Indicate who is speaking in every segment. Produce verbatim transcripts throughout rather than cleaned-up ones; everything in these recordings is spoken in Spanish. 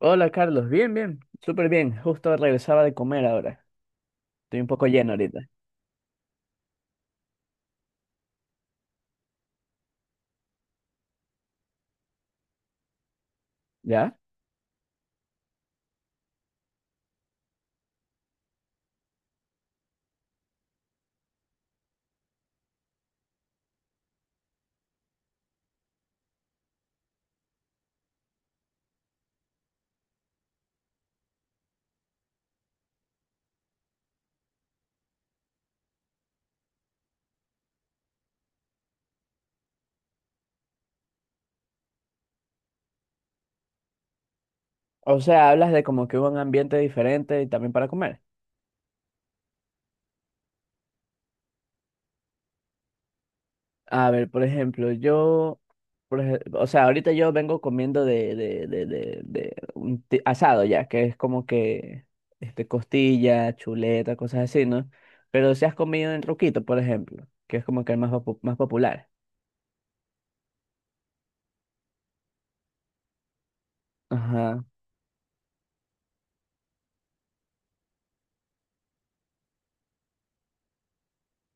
Speaker 1: Hola Carlos, bien, bien, súper bien. Justo regresaba de comer ahora. Estoy un poco lleno ahorita. ¿Ya? O sea, hablas de como que hubo un ambiente diferente y también para comer. A ver, por ejemplo, yo, por ej- o sea, ahorita yo vengo comiendo de, de, de, de, de un ti- asado ya, que es como que este, costilla, chuleta, cosas así, ¿no? Pero si has comido en Roquito, por ejemplo, que es como que el más, popu- más popular. Ajá.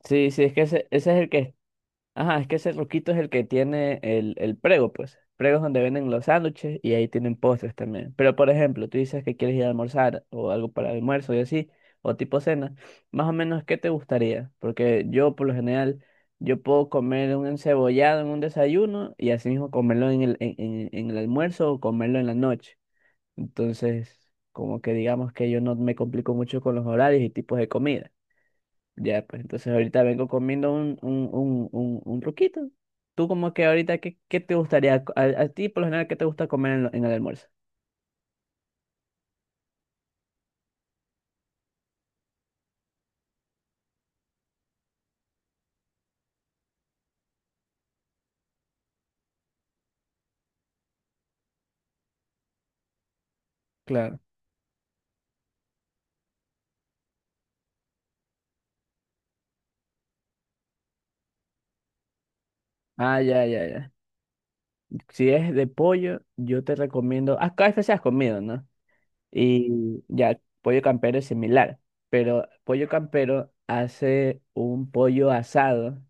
Speaker 1: Sí, sí, es que ese, ese es el que... Ajá, es que ese roquito es el que tiene el, el prego, pues. Prego es donde venden los sándwiches y ahí tienen postres también. Pero, por ejemplo, tú dices que quieres ir a almorzar o algo para almuerzo y así, o tipo cena. Más o menos, ¿qué te gustaría? Porque yo, por lo general, yo puedo comer un encebollado en un desayuno y así mismo comerlo en el, en, en- en el almuerzo o comerlo en la noche. Entonces, como que digamos que yo no me complico mucho con los horarios y tipos de comida. Ya, pues entonces ahorita vengo comiendo un, un, un, un, un truquito. Tú como que ahorita, ¿qué, qué te gustaría? co- A, a ti, por lo general, ¿qué te gusta comer en, lo- en el almuerzo? Claro. Ah, ya, ya, ya. Si es de pollo, yo te recomiendo... Ah, K F C has comido, ¿no? Y ya, pollo campero es similar, pero pollo campero hace un pollo asado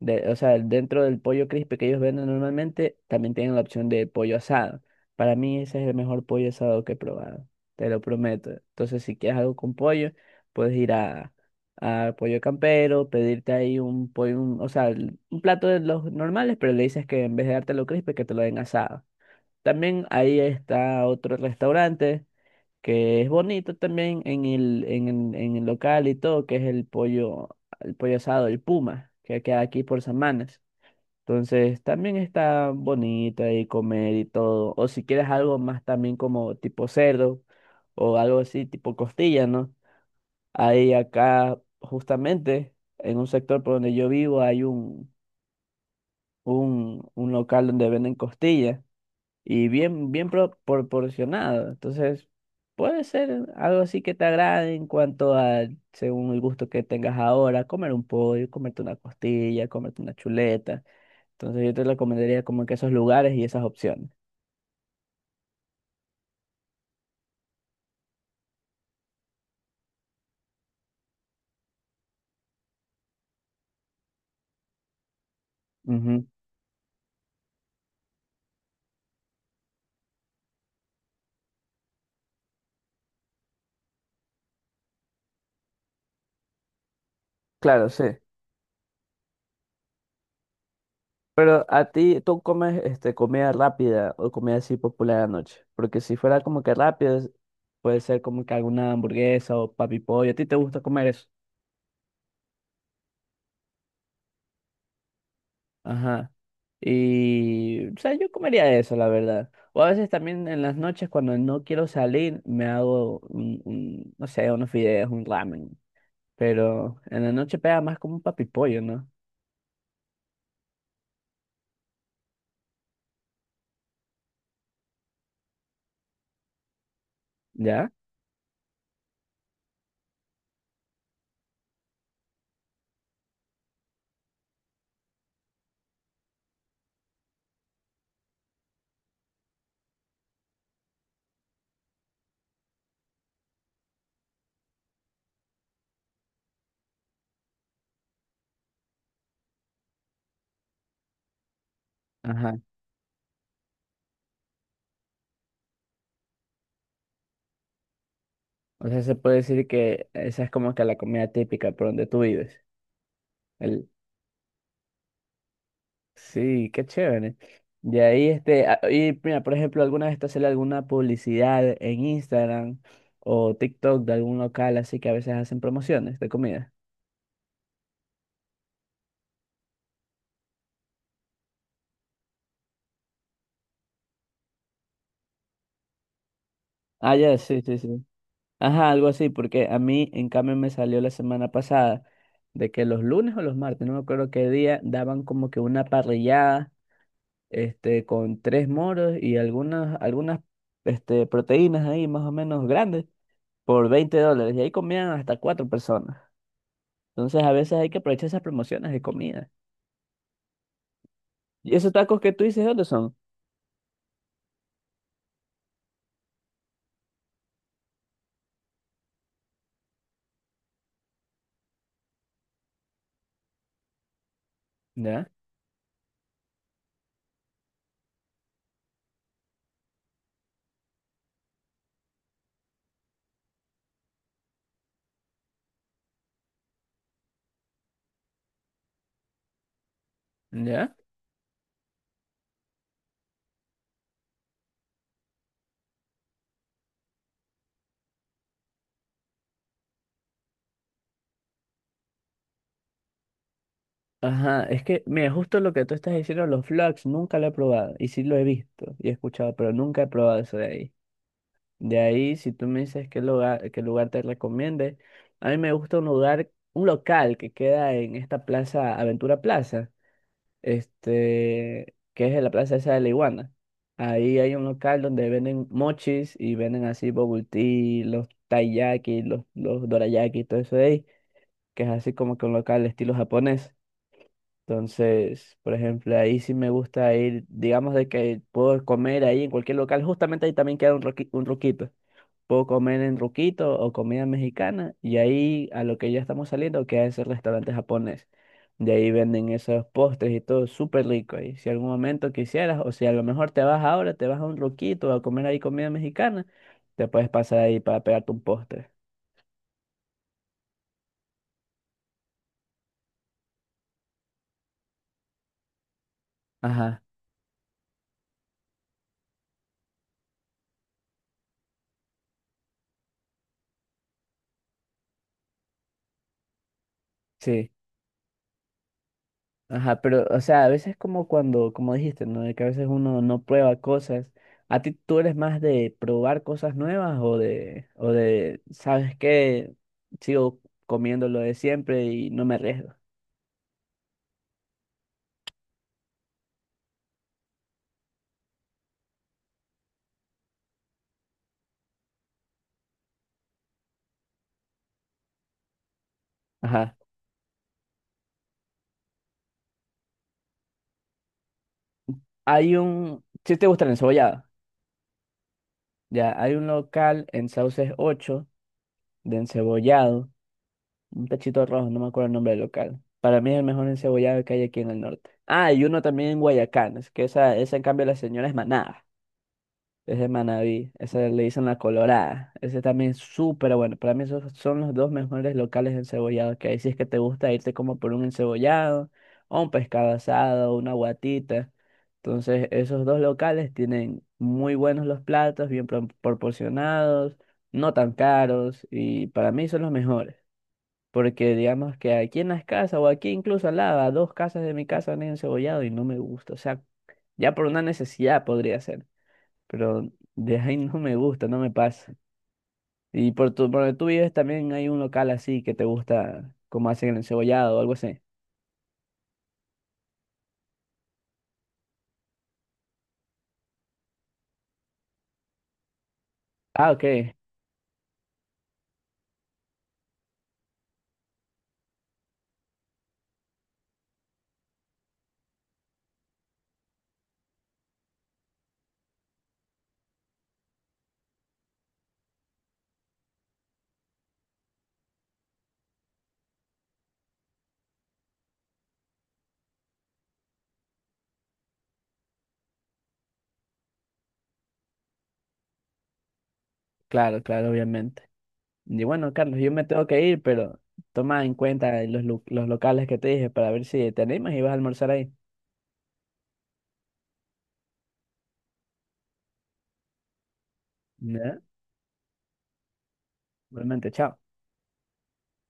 Speaker 1: de- o sea, dentro del pollo crispy que ellos venden normalmente, también tienen la opción de pollo asado. Para mí ese es el mejor pollo asado que he probado, te lo prometo. Entonces, si quieres algo con pollo, puedes ir a, a Pollo Campero, pedirte ahí un pollo, un- o sea, el- un plato de los normales, pero le dices que en vez de dártelo crispy, que te lo den asado. También ahí está otro restaurante que es bonito también en el, en, el- en el local y todo, que es el pollo, el pollo asado, el Puma, que queda aquí por San Manes. Entonces también está bonito ahí comer y todo. O si quieres algo más también como tipo cerdo o algo así tipo costilla, ¿no? Ahí acá justamente en un sector por donde yo vivo hay un, un, un local donde venden costillas y bien, bien pro- proporcionado. Entonces, puede ser algo así que te agrade en cuanto a, según el gusto que tengas ahora, comer un pollo, comerte una costilla, comerte una chuleta. Entonces, yo te recomendaría como que esos lugares y esas opciones. Ujú, claro, sí. Pero a ti, ¿tú comes este, comida rápida o comida así popular anoche? Porque si fuera como que rápido, es- puede ser como que alguna hamburguesa o papi pollo. ¿A ti te gusta comer eso? Ajá. Y, o sea, yo comería eso, la verdad. O a veces también en las noches cuando no quiero salir, me hago un, un, no sé, unos fideos, un ramen. Pero en la noche pega más como un papipollo, ¿no? ¿Ya? Ajá. O sea, se puede decir que esa es como que la comida típica por donde tú vives. El... Sí, qué chévere. De ahí, este, a- y mira, por ejemplo, alguna vez te sale alguna publicidad en Instagram o TikTok de algún local así que a veces hacen promociones de comida. Ah, ya, sí, sí, sí. Ajá, algo así, porque a mí, en cambio, me salió la semana pasada de que los lunes o los martes, no me acuerdo qué día, daban como que una parrillada, este, con tres moros y algunas, algunas, este, proteínas ahí más o menos grandes por veinte dólares. Y ahí comían hasta cuatro personas. Entonces, a veces hay que aprovechar esas promociones de comida. ¿Y esos tacos que tú dices, dónde son? ¿Ya? ¿Ya? Ajá, es que, mira, justo lo que tú estás diciendo, los flags, nunca lo he probado. Y sí lo he visto y he escuchado, pero nunca he probado eso de ahí. De ahí, si tú me dices qué lugar, qué lugar te recomiende, a mí me gusta un lugar, un local que queda en esta plaza, Aventura Plaza, este, que es en la plaza esa de la Iguana. Ahí hay un local donde venden mochis y venden así bubble tea, los taiyaki, los, los dorayaki, todo eso de ahí, que es así como que un local estilo japonés. Entonces, por ejemplo, ahí sí me gusta ir, digamos de que puedo comer ahí en cualquier local, justamente ahí también queda un roqui- un roquito, puedo comer en Ruquito o comida mexicana y ahí a lo que ya estamos saliendo que es el restaurante japonés. De ahí venden esos postres y todo súper rico. Y si algún momento quisieras, o si a lo mejor te vas ahora, te vas a un Ruquito a comer ahí comida mexicana, te puedes pasar ahí para pegarte un postre. Ajá, sí. Ajá, pero, o sea, a veces como cuando, como dijiste, ¿no? De que a veces uno no prueba cosas. ¿A ti tú eres más de probar cosas nuevas o de, o de, ¿sabes qué? Sigo comiendo lo de siempre y no me arriesgo. Ajá. Hay un, si te gusta el encebollado, ya, hay un local en Sauces ocho de encebollado, un tachito rojo, no me acuerdo el nombre del local. Para mí es el mejor encebollado que hay aquí en el norte. Ah, y uno también en Guayacán, es que esa, esa en cambio la señora es manada. Es de Manaví, esa le dicen la Colorada. Ese también es súper bueno. Para mí esos son los dos mejores locales de encebollado que hay. Si es que te gusta irte como por un encebollado, o un pescado asado, una guatita. Entonces, esos dos locales tienen muy buenos los platos, bien pro- proporcionados, no tan caros, y para mí son los mejores. Porque digamos que aquí en las casas, o aquí incluso al lado, a dos casas de mi casa han encebollado y no me gusta. O sea, ya por una necesidad podría ser, pero de ahí no me gusta, no me pasa. Y por tu, por donde tú vives también hay un local así que te gusta, como hacen el encebollado o algo así. Ah, ok, claro, claro, obviamente. Y bueno, Carlos, yo me tengo que ir, pero toma en cuenta los, lu- los locales que te dije para ver si te animas y vas a almorzar ahí. ¿Ya? Realmente, chao.